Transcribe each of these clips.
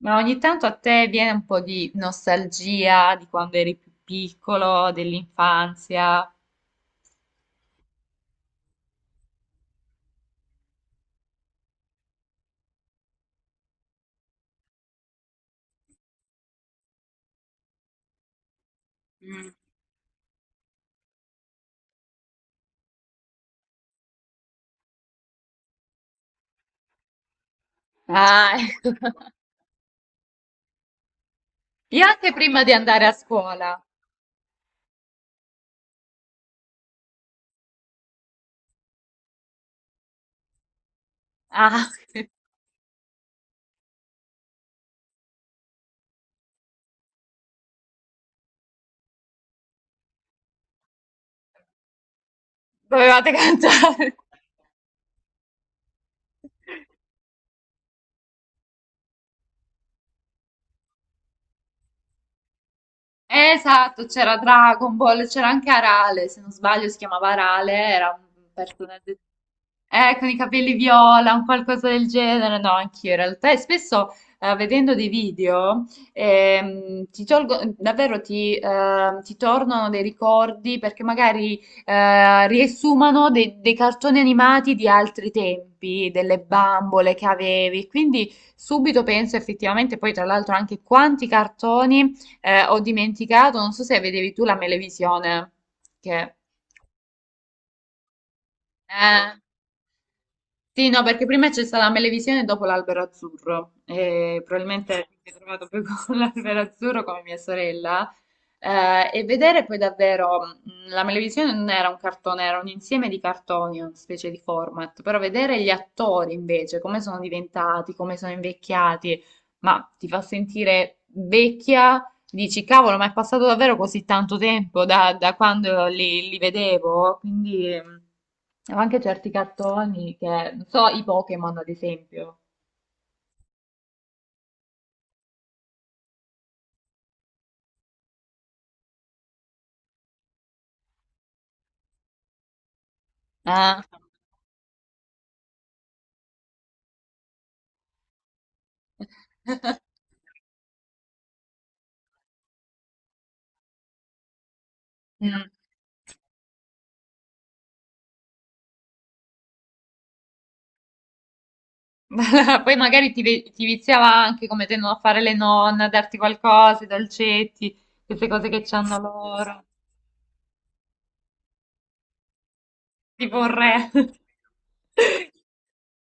Ma ogni tanto a te viene un po' di nostalgia di quando eri più piccolo, dell'infanzia? Ah, ecco. Io anche prima di andare a scuola. Ah, dovevate cantare. Esatto, c'era Dragon Ball, c'era anche Arale, se non sbaglio si chiamava Arale, era un personaggio, con i capelli viola, un qualcosa del genere, no, anch'io in realtà, e spesso vedendo dei video ti tolgo, davvero ti tornano dei ricordi perché magari riassumano dei cartoni animati di altri tempi, delle bambole che avevi, quindi subito penso effettivamente, poi tra l'altro anche quanti cartoni ho dimenticato, non so se vedevi tu la Melevisione, che... eh, sì, no, perché prima c'è stata la Melevisione e dopo l'albero azzurro, e probabilmente mi sono trovato poi con l'albero azzurro come mia sorella. E vedere poi davvero, la Melevisione non era un cartone, era un insieme di cartoni, una specie di format, però vedere gli attori invece, come sono diventati, come sono invecchiati, ma ti fa sentire vecchia. Dici, cavolo, ma è passato davvero così tanto tempo da quando li vedevo? Quindi, anche certi cartoni che, non so, i Pokémon ad esempio. Ah. Mm. Poi magari ti viziava anche come tendono a fare le nonne, a darti qualcosa, i dolcetti, queste cose che c'hanno loro. Tipo un re.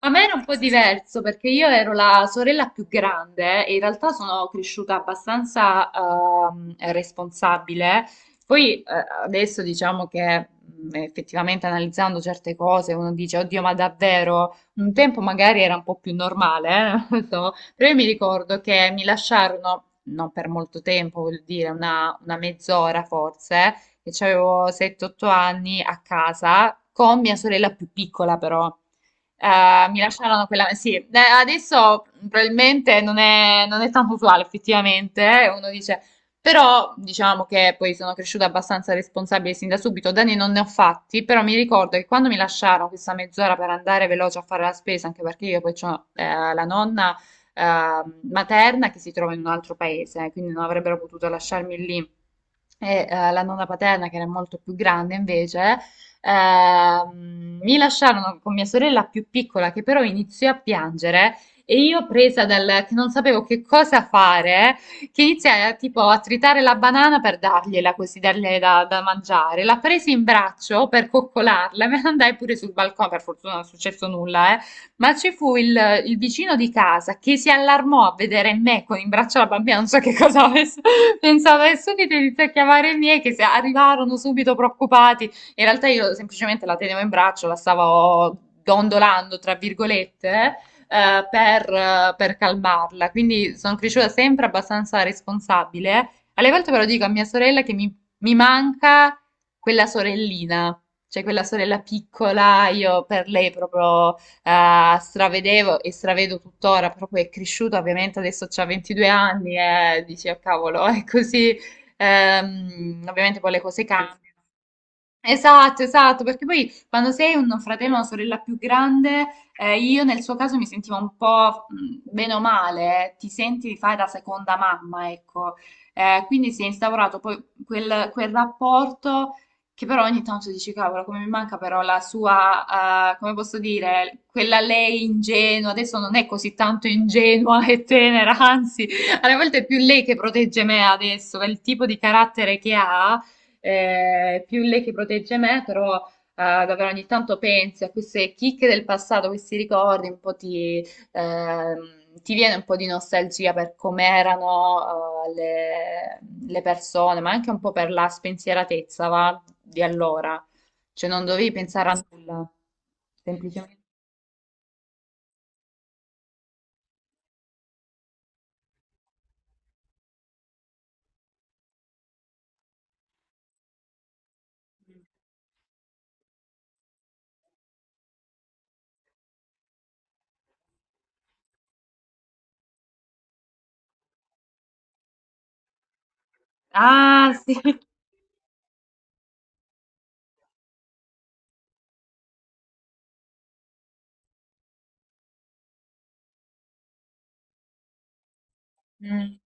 A me era un po' diverso perché io ero la sorella più grande e in realtà sono cresciuta abbastanza responsabile. Poi adesso diciamo che effettivamente analizzando certe cose uno dice, oddio, ma davvero? Un tempo magari era un po' più normale, non so. Però io mi ricordo che mi lasciarono, non per molto tempo, vuol dire una mezz'ora forse, che avevo 7-8 anni a casa, con mia sorella più piccola però. Mi lasciarono quella... Sì, adesso probabilmente non è tanto usuale effettivamente, uno dice... Però diciamo che poi sono cresciuta abbastanza responsabile sin da subito, danni non ne ho fatti, però mi ricordo che quando mi lasciarono questa mezz'ora per andare veloce a fare la spesa, anche perché io poi ho la nonna eh, materna che si trova in un altro paese, quindi non avrebbero potuto lasciarmi lì e la nonna paterna, che era molto più grande invece, mi lasciarono con mia sorella più piccola, che però iniziò a piangere. E io presa dal che non sapevo che cosa fare, che iniziai a, tipo a tritare la banana per dargliela così, da mangiare. La presi in braccio per coccolarla, me ne andai pure sul balcone, per fortuna non è successo nulla, eh. Ma ci fu il vicino di casa che si allarmò a vedere me con in braccio la bambina, non so che cosa avesse pensavo, e subito inizia a chiamare i miei che se arrivarono subito preoccupati. In realtà io semplicemente la tenevo in braccio, la stavo dondolando, tra virgolette, per calmarla. Quindi sono cresciuta sempre abbastanza responsabile. Alle volte però dico a mia sorella che mi manca quella sorellina, cioè quella sorella piccola, io per lei proprio stravedevo e stravedo tuttora, proprio è cresciuta, ovviamente adesso c'ha 22 anni e dici, "Ah, cavolo, è così." Ovviamente poi le cose cambiano. Esatto, esatto, perché poi quando sei un fratello o una sorella più grande, io nel suo caso mi sentivo un po' bene o male, ti senti di fare da seconda mamma, ecco. Quindi si è instaurato poi quel rapporto che però ogni tanto dici, cavolo, come mi manca però la sua, come posso dire, quella lei ingenua, adesso non è così tanto ingenua e tenera, anzi, alle volte è più lei che protegge me adesso, per il tipo di carattere che ha, più lei che protegge me, però davvero ogni tanto pensi a queste chicche del passato, questi ricordi, ti viene un po' di nostalgia per com'erano le persone, ma anche un po' per la spensieratezza, va, di allora. Cioè non dovevi pensare a nulla, semplicemente. Ah, sì. Mm.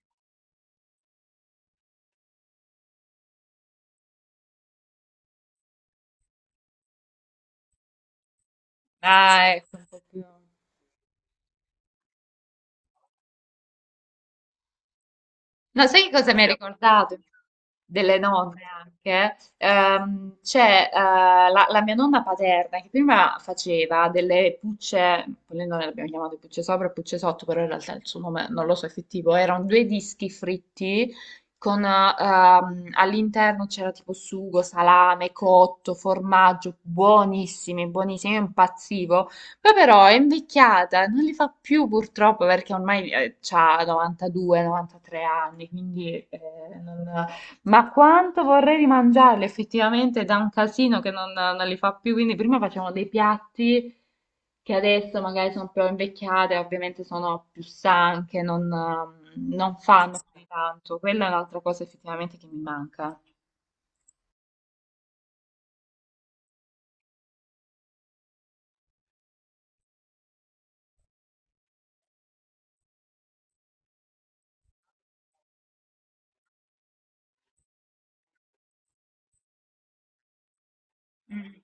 Ah, ecco, un po' più. No, sai che cosa mi ha ricordato? Delle nonne anche. C'è la mia nonna paterna che prima faceva delle pucce, poi noi le abbiamo chiamate pucce sopra e pucce sotto, però in realtà il suo nome non lo so effettivo, erano due dischi fritti con all'interno c'era tipo sugo, salame, cotto, formaggio, buonissimi, buonissimi, io impazzivo. Poi però è invecchiata, non li fa più purtroppo perché ormai ha 92, 93 anni, quindi non- Ma quanto vorrei rimangiarli effettivamente, da un casino che non li fa più, quindi prima facevano dei piatti che adesso magari sono più invecchiate, ovviamente sono più stanche, non fanno più tanto. Quella è un'altra cosa effettivamente che mi manca. Mm.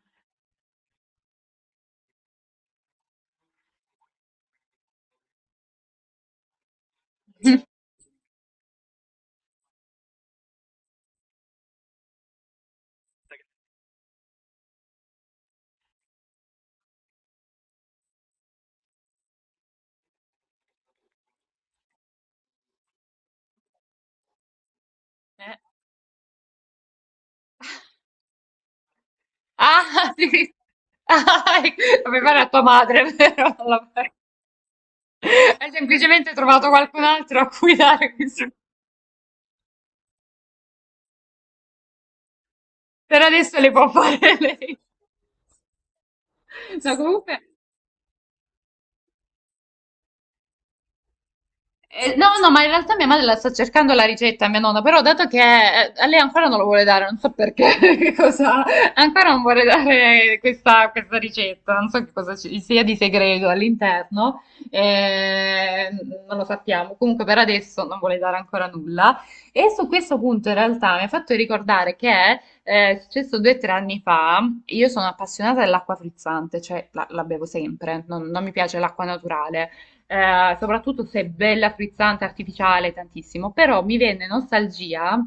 Mm. Ah, sì. Ah, aveva la tua madre, vero? Alla- Hai semplicemente trovato qualcun altro a cui dare questo. Per adesso le può fare lei. No, comunque, no, ma in realtà mia madre la sta cercando la ricetta, mia nonna, però dato che a lei ancora non lo vuole dare, non so perché, che cosa, ancora non vuole dare questa ricetta, non so che cosa ci sia di segreto all'interno, eh, non lo sappiamo, comunque per adesso non vuole dare ancora nulla. E su questo punto in realtà mi ha fatto ricordare che è successo due o tre anni fa. Io sono appassionata dell'acqua frizzante, cioè la bevo sempre, non mi piace l'acqua naturale, soprattutto se è bella, frizzante, artificiale, tantissimo, però mi venne nostalgia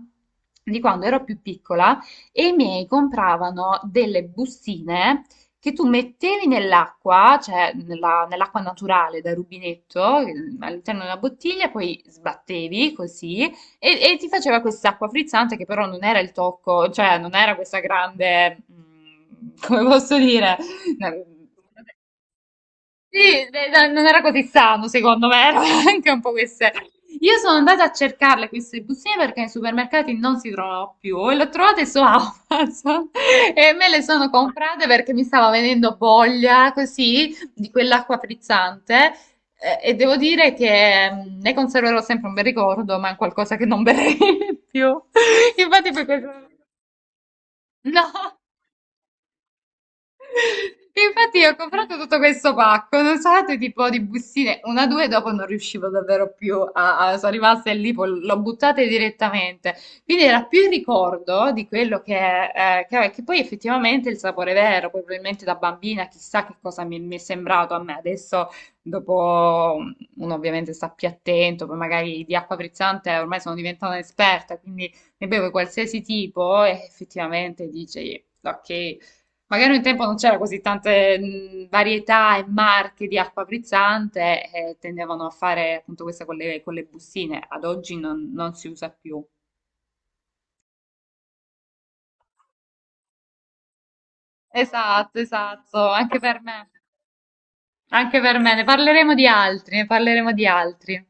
di quando ero più piccola e i miei compravano delle bustine che tu mettevi nell'acqua, cioè nell'acqua naturale da rubinetto, all'interno di una bottiglia, poi sbattevi così e ti faceva quest'acqua frizzante che però non era il tocco, cioè non era questa grande, mm, come posso dire, sì, beh, no, non era così sano, secondo me, erano anche un po' queste. Io sono andata a cercarle queste bustine perché nei supermercati non si trovano più e le ho trovate su Amazon. E me le sono comprate perché mi stava venendo voglia così di quell'acqua frizzante, e devo dire che ne conserverò sempre un bel ricordo, ma è qualcosa che non berrei più. Infatti poi questo... No! Infatti io ho comprato tutto questo pacco, non sapete, tipo di bustine, una, due, dopo non riuscivo davvero più sono rimaste lì, poi l'ho buttate direttamente. Quindi era più il ricordo di quello che, che poi effettivamente il sapore vero, poi probabilmente da bambina chissà che cosa mi è sembrato a me. Adesso, dopo, uno ovviamente sta più attento, poi magari di acqua frizzante ormai sono diventata un'esperta, quindi ne bevo qualsiasi tipo e effettivamente dici, ok. Magari un tempo non c'era così tante varietà e marche di acqua frizzante e tendevano a fare appunto questa con con le bustine. Ad oggi non si usa più. Esatto, esatto, anche per me. Anche per me. Ne parleremo di altri, ne parleremo di altri.